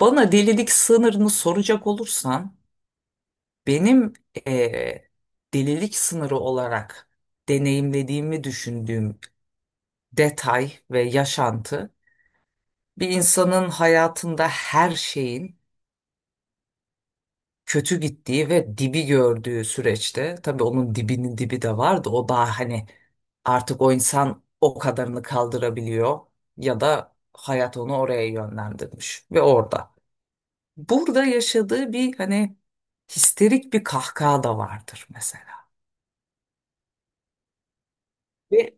Bana delilik sınırını soracak olursan benim eee, delilik sınırı olarak deneyimlediğimi düşündüğüm detay ve yaşantı, bir insanın hayatında her şeyin kötü gittiği ve dibi gördüğü süreçte, tabii onun dibinin dibi de vardı, o daha hani artık o insan o kadarını kaldırabiliyor ya da hayat onu oraya yönlendirmiş ve orada. Burada yaşadığı bir hani histerik bir kahkaha da vardır mesela. Ve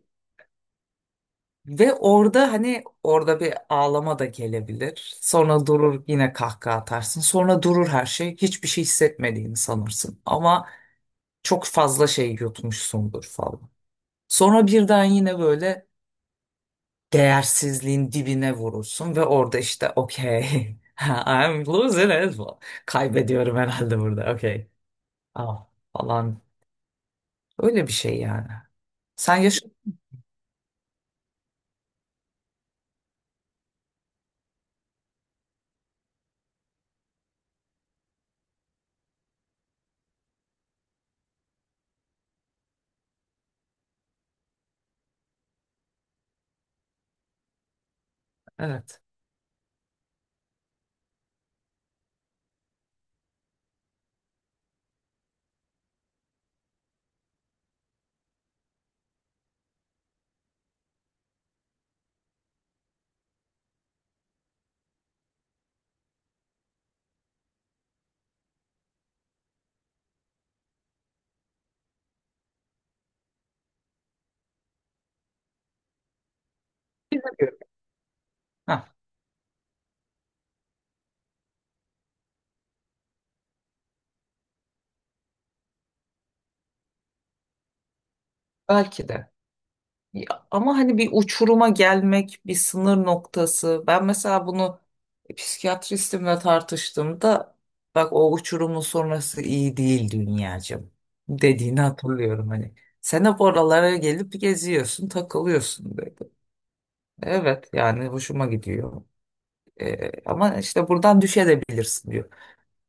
ve orada hani orada bir ağlama da gelebilir. Sonra durur, yine kahkaha atarsın. Sonra durur her şey. Hiçbir şey hissetmediğini sanırsın. Ama çok fazla şey yutmuşsundur falan. Sonra birden yine böyle değersizliğin dibine vurursun ve orada işte okey. I'm losing it. Kaybediyorum herhalde burada. Okey. Ah, falan. Öyle bir şey yani. Sen yaşa, evet. Bilmiyorum. Ha, belki de. Ya, ama hani bir uçuruma gelmek, bir sınır noktası. Ben mesela bunu psikiyatristimle tartıştığımda, bak o uçurumun sonrası iyi değil dünyacığım dediğini hatırlıyorum hani. Sen hep oralara gelip geziyorsun, takılıyorsun dedi. Evet yani hoşuma gidiyor. Ama işte buradan düşebilirsin diyor.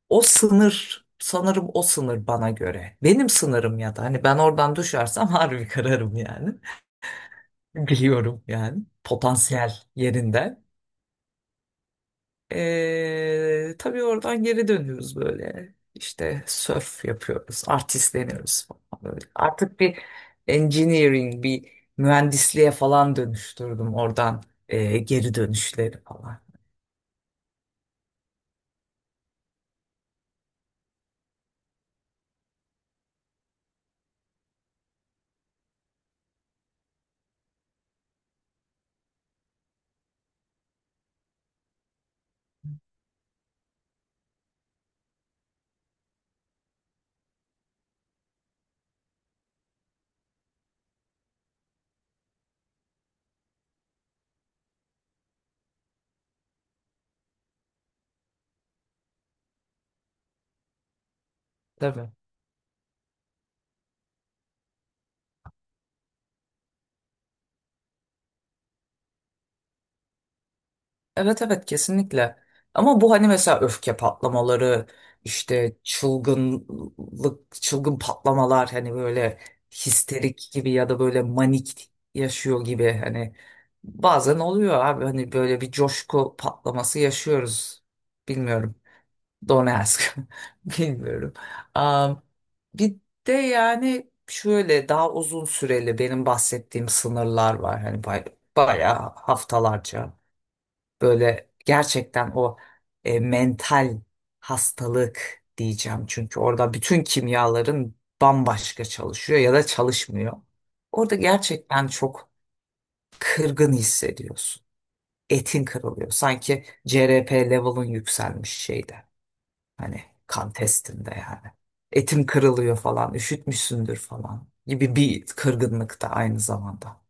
O sınır, sanırım o sınır bana göre. Benim sınırım ya da hani ben oradan düşersem harbi kararım yani. Biliyorum yani potansiyel yerinde. Tabii oradan geri dönüyoruz böyle. İşte surf yapıyoruz, artistleniyoruz falan böyle. Artık bir engineering, bir mühendisliğe falan dönüştürdüm oradan geri dönüşleri falan. Tabii. Evet, evet, kesinlikle. Ama bu hani mesela öfke patlamaları, işte çılgınlık, çılgın patlamalar, hani böyle histerik gibi ya da böyle manik yaşıyor gibi, hani bazen oluyor abi, hani böyle bir coşku patlaması yaşıyoruz. Bilmiyorum. Donetsk. Bilmiyorum. Am, Bir de yani şöyle daha uzun süreli benim bahsettiğim sınırlar var hani bayağı haftalarca. Böyle gerçekten o mental hastalık diyeceğim. Çünkü orada bütün kimyaların bambaşka çalışıyor ya da çalışmıyor. Orada gerçekten çok kırgın hissediyorsun. Etin kırılıyor. Sanki CRP level'ın yükselmiş şeyde. Hani kan testinde yani. Etim kırılıyor falan, üşütmüşsündür falan gibi bir kırgınlık da aynı zamanda.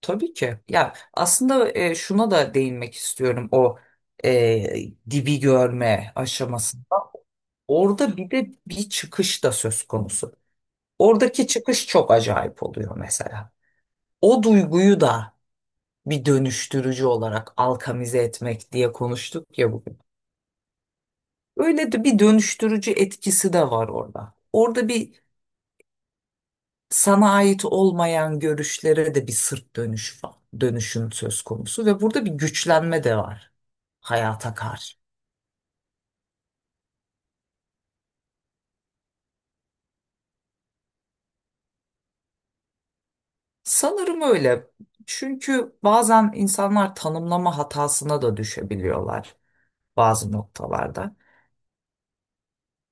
Tabii ki. Ya aslında şuna da değinmek istiyorum, o dibi görme aşamasında. Orada bir de bir çıkış da söz konusu. Oradaki çıkış çok acayip oluyor mesela. O duyguyu da bir dönüştürücü olarak alkamize etmek diye konuştuk ya bugün. Öyle de bir dönüştürücü etkisi de var orada. Orada bir sana ait olmayan görüşlere de bir sırt dönüş var. Dönüşüm söz konusu ve burada bir güçlenme de var hayata karşı. Sanırım öyle. Çünkü bazen insanlar tanımlama hatasına da düşebiliyorlar bazı noktalarda.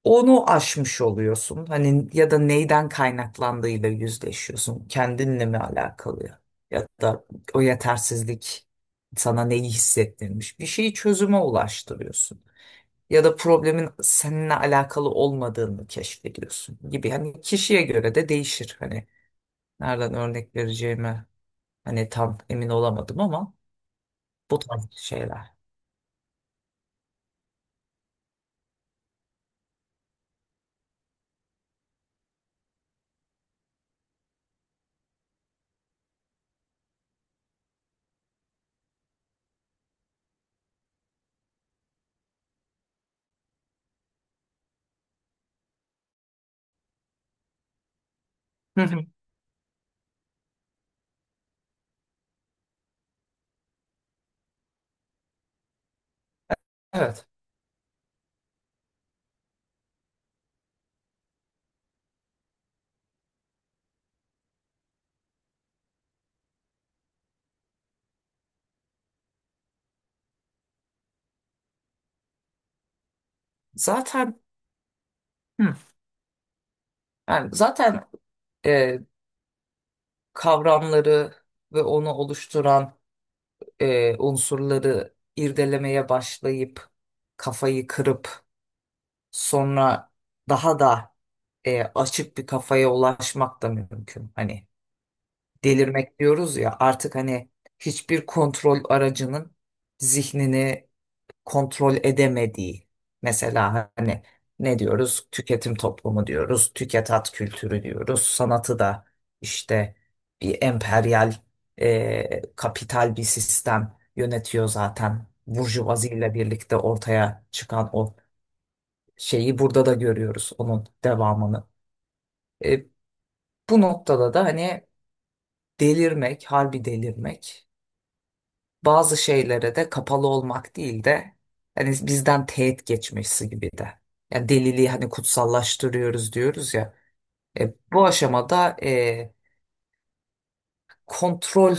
Onu aşmış oluyorsun. Hani ya da neyden kaynaklandığıyla yüzleşiyorsun. Kendinle mi alakalı? Ya da o yetersizlik sana neyi hissettirmiş? Bir şeyi çözüme ulaştırıyorsun. Ya da problemin seninle alakalı olmadığını keşfediyorsun gibi. Hani kişiye göre de değişir. Hani nereden örnek vereceğimi hani tam emin olamadım, ama bu tarz şeyler. Hı hı. Evet. Zaten, hı. Yani zaten e, kavramları ve onu oluşturan unsurları irdelemeye başlayıp kafayı kırıp sonra daha da açık bir kafaya ulaşmak da mümkün. Hani delirmek diyoruz ya, artık hani hiçbir kontrol aracının zihnini kontrol edemediği, mesela hani ne diyoruz, tüketim toplumu diyoruz, tüketat kültürü diyoruz, sanatı da işte bir emperyal kapital bir sistem yönetiyor, zaten burjuvazi ile birlikte ortaya çıkan o şeyi burada da görüyoruz, onun devamını. E, Bu noktada da hani delirmek, harbi delirmek, bazı şeylere de kapalı olmak değil de hani bizden teğet geçmesi gibi de. Yani deliliği hani kutsallaştırıyoruz diyoruz ya. Bu aşamada kontrol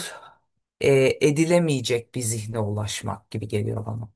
edilemeyecek bir zihne ulaşmak gibi geliyor bana.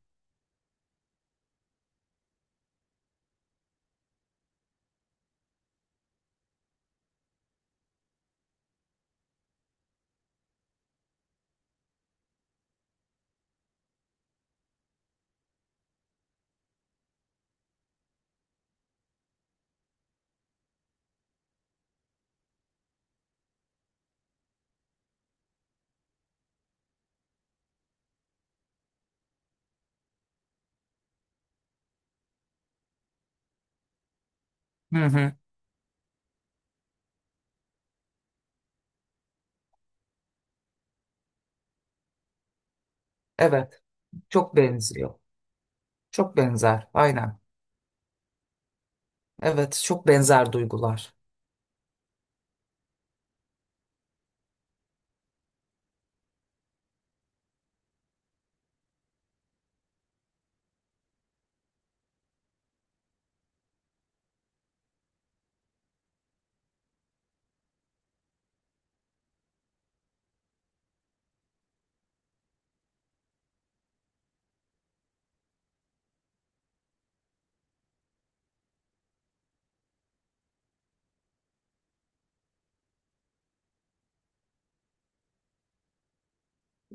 Hı hı. Evet, çok benziyor. Çok benzer, aynen. Evet, çok benzer duygular.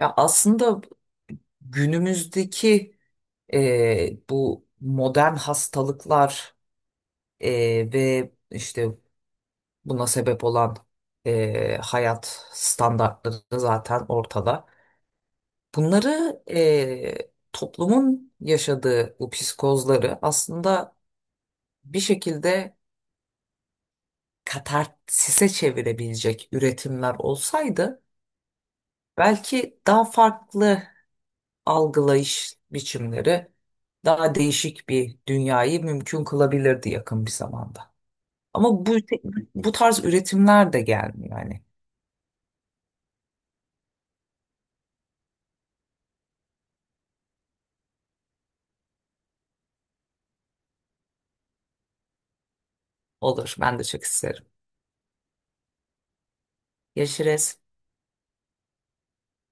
Ya aslında günümüzdeki bu modern hastalıklar ve işte buna sebep olan hayat standartları zaten ortada. Bunları toplumun yaşadığı bu psikozları aslında bir şekilde katarsise çevirebilecek üretimler olsaydı, belki daha farklı algılayış biçimleri, daha değişik bir dünyayı mümkün kılabilirdi yakın bir zamanda. Ama bu, bu tarz üretimler de gelmiyor yani. Olur, ben de çok isterim. Yaşarız.